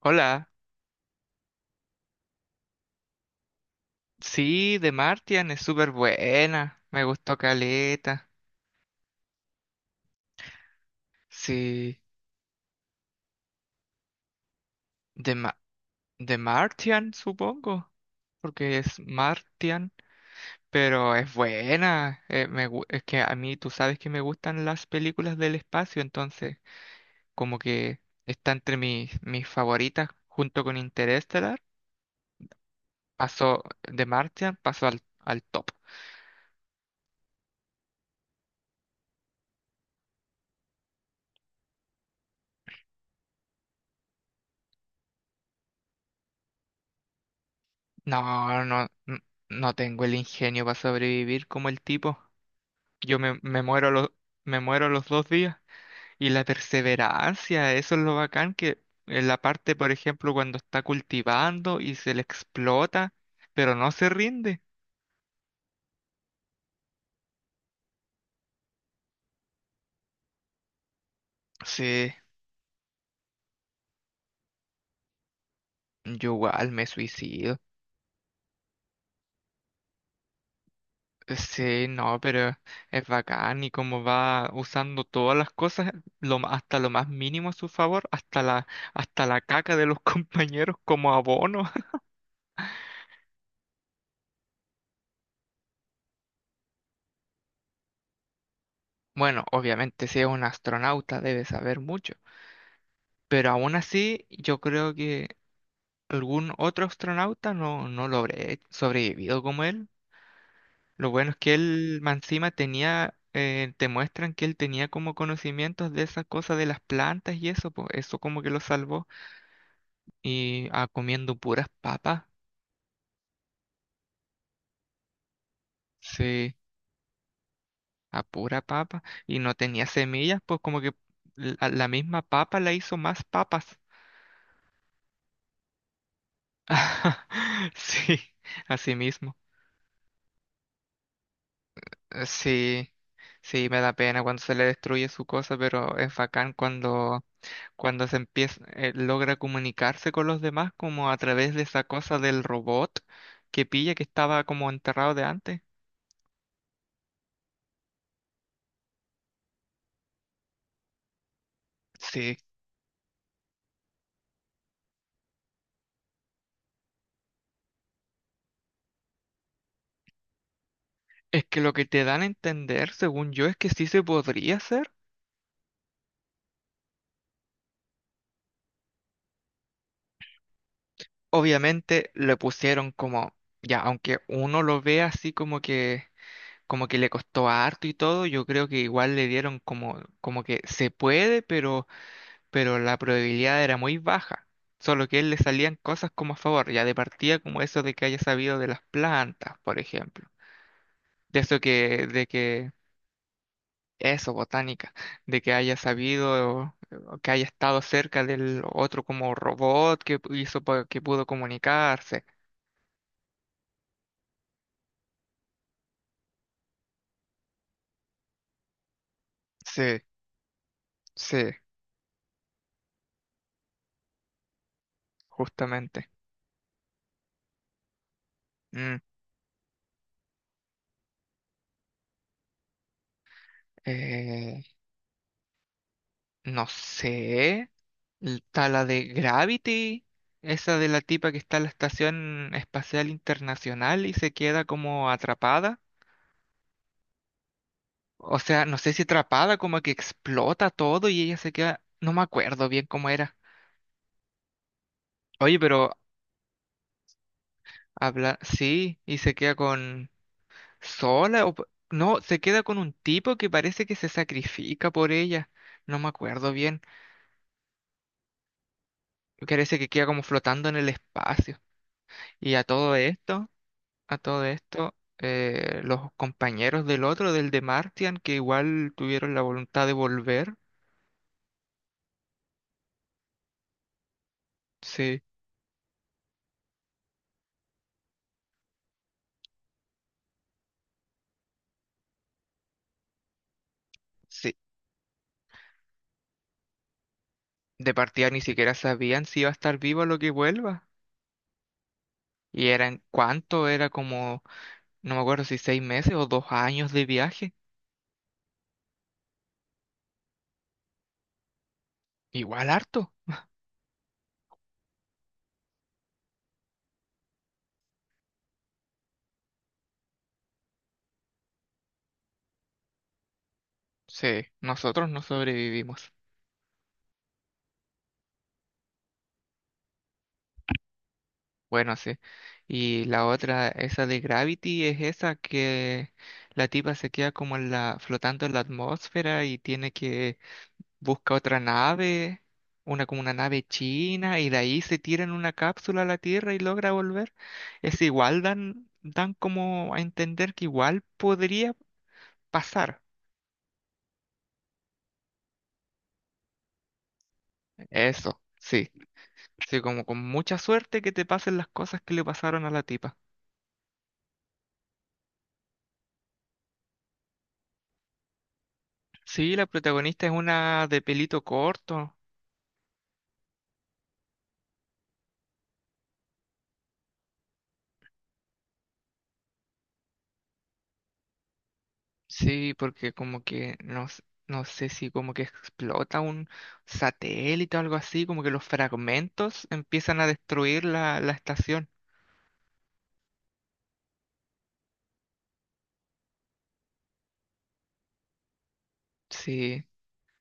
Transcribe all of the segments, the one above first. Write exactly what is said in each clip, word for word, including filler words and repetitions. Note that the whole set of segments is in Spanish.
Hola, sí, de Martian es súper buena, me gustó caleta. Sí, de, Ma- de Martian supongo, porque es Martian, pero es buena. eh, me gu- es que a mí tú sabes que me gustan las películas del espacio, entonces como que está entre mis, mis favoritas junto con Interestelar. Pasó de Martian, pasó al, al top. No, no, n- no tengo el ingenio para sobrevivir como el tipo. Yo me, me muero los, me muero los dos días. Y la perseverancia, eso es lo bacán que en la parte, por ejemplo, cuando está cultivando y se le explota, pero no se rinde. Sí, yo igual me suicido. Sí, no, pero es bacán y cómo va usando todas las cosas, lo, ma- hasta lo más mínimo a su favor, hasta la, hasta la caca de los compañeros como abono. Bueno, obviamente si es un astronauta debe saber mucho. Pero aún así, yo creo que algún otro astronauta no, no lo habré sobrevivido como él. Lo bueno es que él, más encima, tenía, eh, te muestran que él tenía como conocimientos de esas cosas de las plantas y eso, pues eso como que lo salvó. Y ah, comiendo puras papas, sí, a pura papa. Y no tenía semillas, pues como que la, la misma papa la hizo más papas. Sí, así mismo. Eh, Sí, sí, me da pena cuando se le destruye su cosa, pero es bacán cuando, cuando se empieza, eh, logra comunicarse con los demás como a través de esa cosa del robot que pilla que estaba como enterrado de antes. Sí, es que lo que te dan a entender, según yo, es que sí se podría hacer. Obviamente le pusieron como, ya, aunque uno lo ve así como que, como que le costó harto y todo, yo creo que igual le dieron como, como que se puede, pero pero la probabilidad era muy baja. Solo que a él le salían cosas como a favor, ya de partida como eso de que haya sabido de las plantas, por ejemplo. De eso que, de que, eso, botánica, de que haya sabido, o que haya estado cerca del otro como robot que pu- hizo pa- que pudo comunicarse. Sí, sí, justamente. Mm, eh, no sé. Está la de Gravity, esa de la tipa que está en la Estación Espacial Internacional y se queda como atrapada. O sea, no sé si atrapada, como que explota todo y ella se queda. No me acuerdo bien cómo era. Oye, pero habla. Sí, y se queda con. Sola o. P- no, se queda con un tipo que parece que se sacrifica por ella. No me acuerdo bien. Parece que queda como flotando en el espacio. Y a todo esto. A todo esto, eh, los compañeros del otro, del de Martian, que igual tuvieron la voluntad de volver, sí, sí, de partida ni siquiera sabían si iba a estar vivo a lo que vuelva. Y eran, ¿cuánto? Era como, no me acuerdo si seis meses o dos años de viaje. Igual harto. Sí, nosotros no sobrevivimos. Bueno, sí. Y la otra, esa de Gravity, es esa que la tipa se queda como en la, flotando en la atmósfera y tiene que busca otra nave, una como una nave china, y de ahí se tira en una cápsula a la Tierra y logra volver. Es igual, dan, dan como a entender que igual podría pasar. Eso, sí. Sí, como con mucha suerte que te pasen las cosas que le pasaron a la tipa. Sí, la protagonista es una de pelito corto. Sí, porque como que no, s- no sé si como que explota un satélite o algo así, como que los fragmentos empiezan a destruir la, la estación. Sí,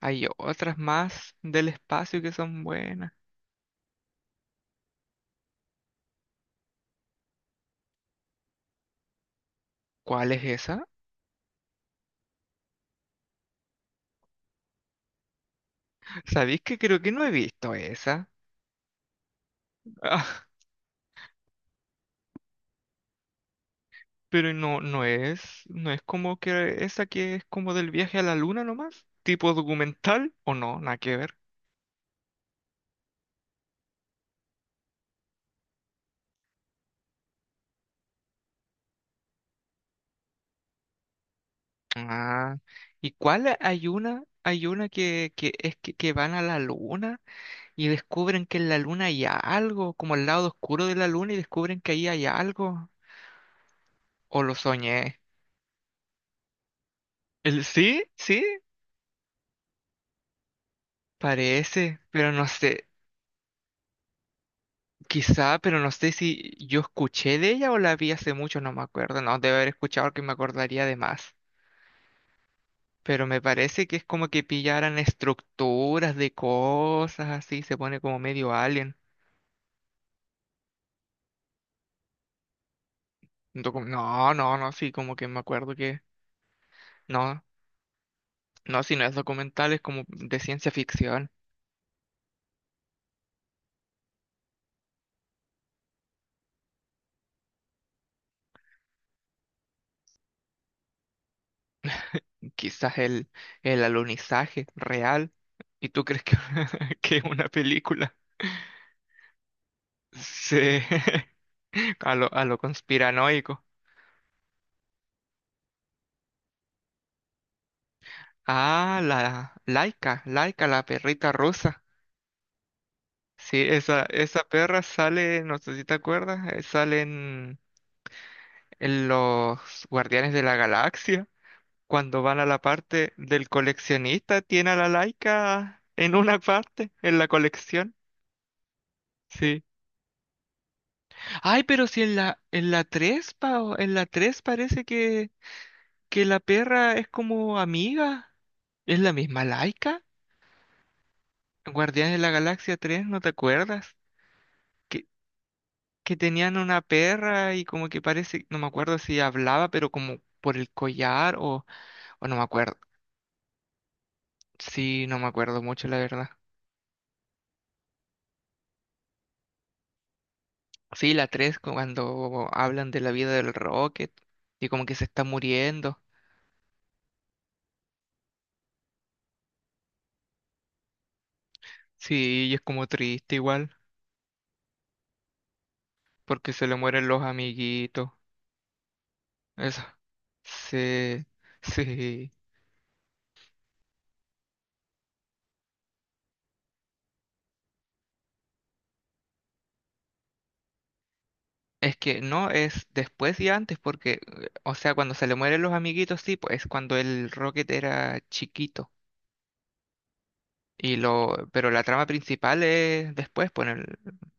hay otras más del espacio que son buenas. ¿Cuál es esa? ¿Sabéis que creo que no he visto esa? Ah, pero no, no es, no es como que esa que es como del viaje a la luna nomás, tipo documental o no, nada que ver. Ah, ¿y cuál hay una? Hay una que, que es que, que van a la luna y descubren que en la luna hay algo, como el lado oscuro de la luna y descubren que ahí hay algo. ¿O lo soñé? ¿El sí? ¿Sí? Parece, pero no sé, quizá, pero no sé si yo escuché de ella o la vi hace mucho, no me acuerdo, no, debe haber escuchado porque me acordaría de más. Pero me parece que es como que pillaran estructuras de cosas así, se pone como medio alien. Un Docu- no, no, no, sí, como que me acuerdo que no, no, si no es documental, es como de ciencia ficción, quizás el, el alunizaje real. ¿Y tú crees que, que es una película? Sí. A lo, a lo conspiranoico. Ah, la Laika, Laika, la perrita rusa. Sí, esa, esa perra sale, no sé si te acuerdas, eh, sale en, en los Guardianes de la Galaxia. Cuando van a la parte del coleccionista, tiene a la Laika en una parte, en la colección. Sí. Ay, pero si en la, en la tres, Pao, en la tres parece que, que la perra es como amiga. ¿Es la misma Laika? Guardianes de la Galaxia tres, ¿no te acuerdas? Que, que tenían una perra y como que parece, no me acuerdo si hablaba, pero como por el collar o, o no me acuerdo. Sí, no me acuerdo mucho, la verdad. Sí, la tres cuando hablan de la vida del Rocket y como que se está muriendo. Sí, y es como triste igual, porque se le mueren los amiguitos. Eso. Sí, sí. Es que no es después y antes, porque, eh, o sea, cuando se le mueren los amiguitos, sí, pues es cuando el Rocket era chiquito. Y lo, pero la trama principal es después, pues, en el-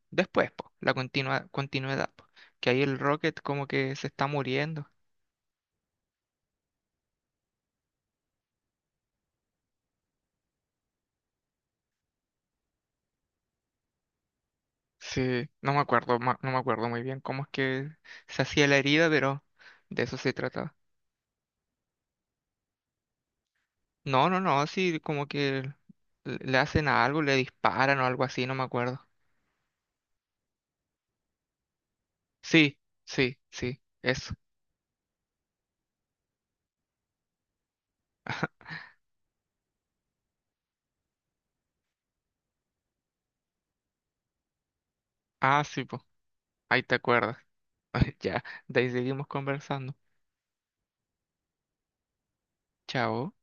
después, pues, la continua, continuidad, pues, que ahí el Rocket como que se está muriendo. Sí, no me acuerdo, ma- no me acuerdo muy bien cómo es que se hacía la herida, pero de eso se trataba. No, no, no, sí, como que le le hacen a algo, le disparan o algo así, no me acuerdo. Sí, sí, sí, eso. Ah, sí, pues, ahí te acuerdas. Ya, de ahí seguimos conversando. Chao.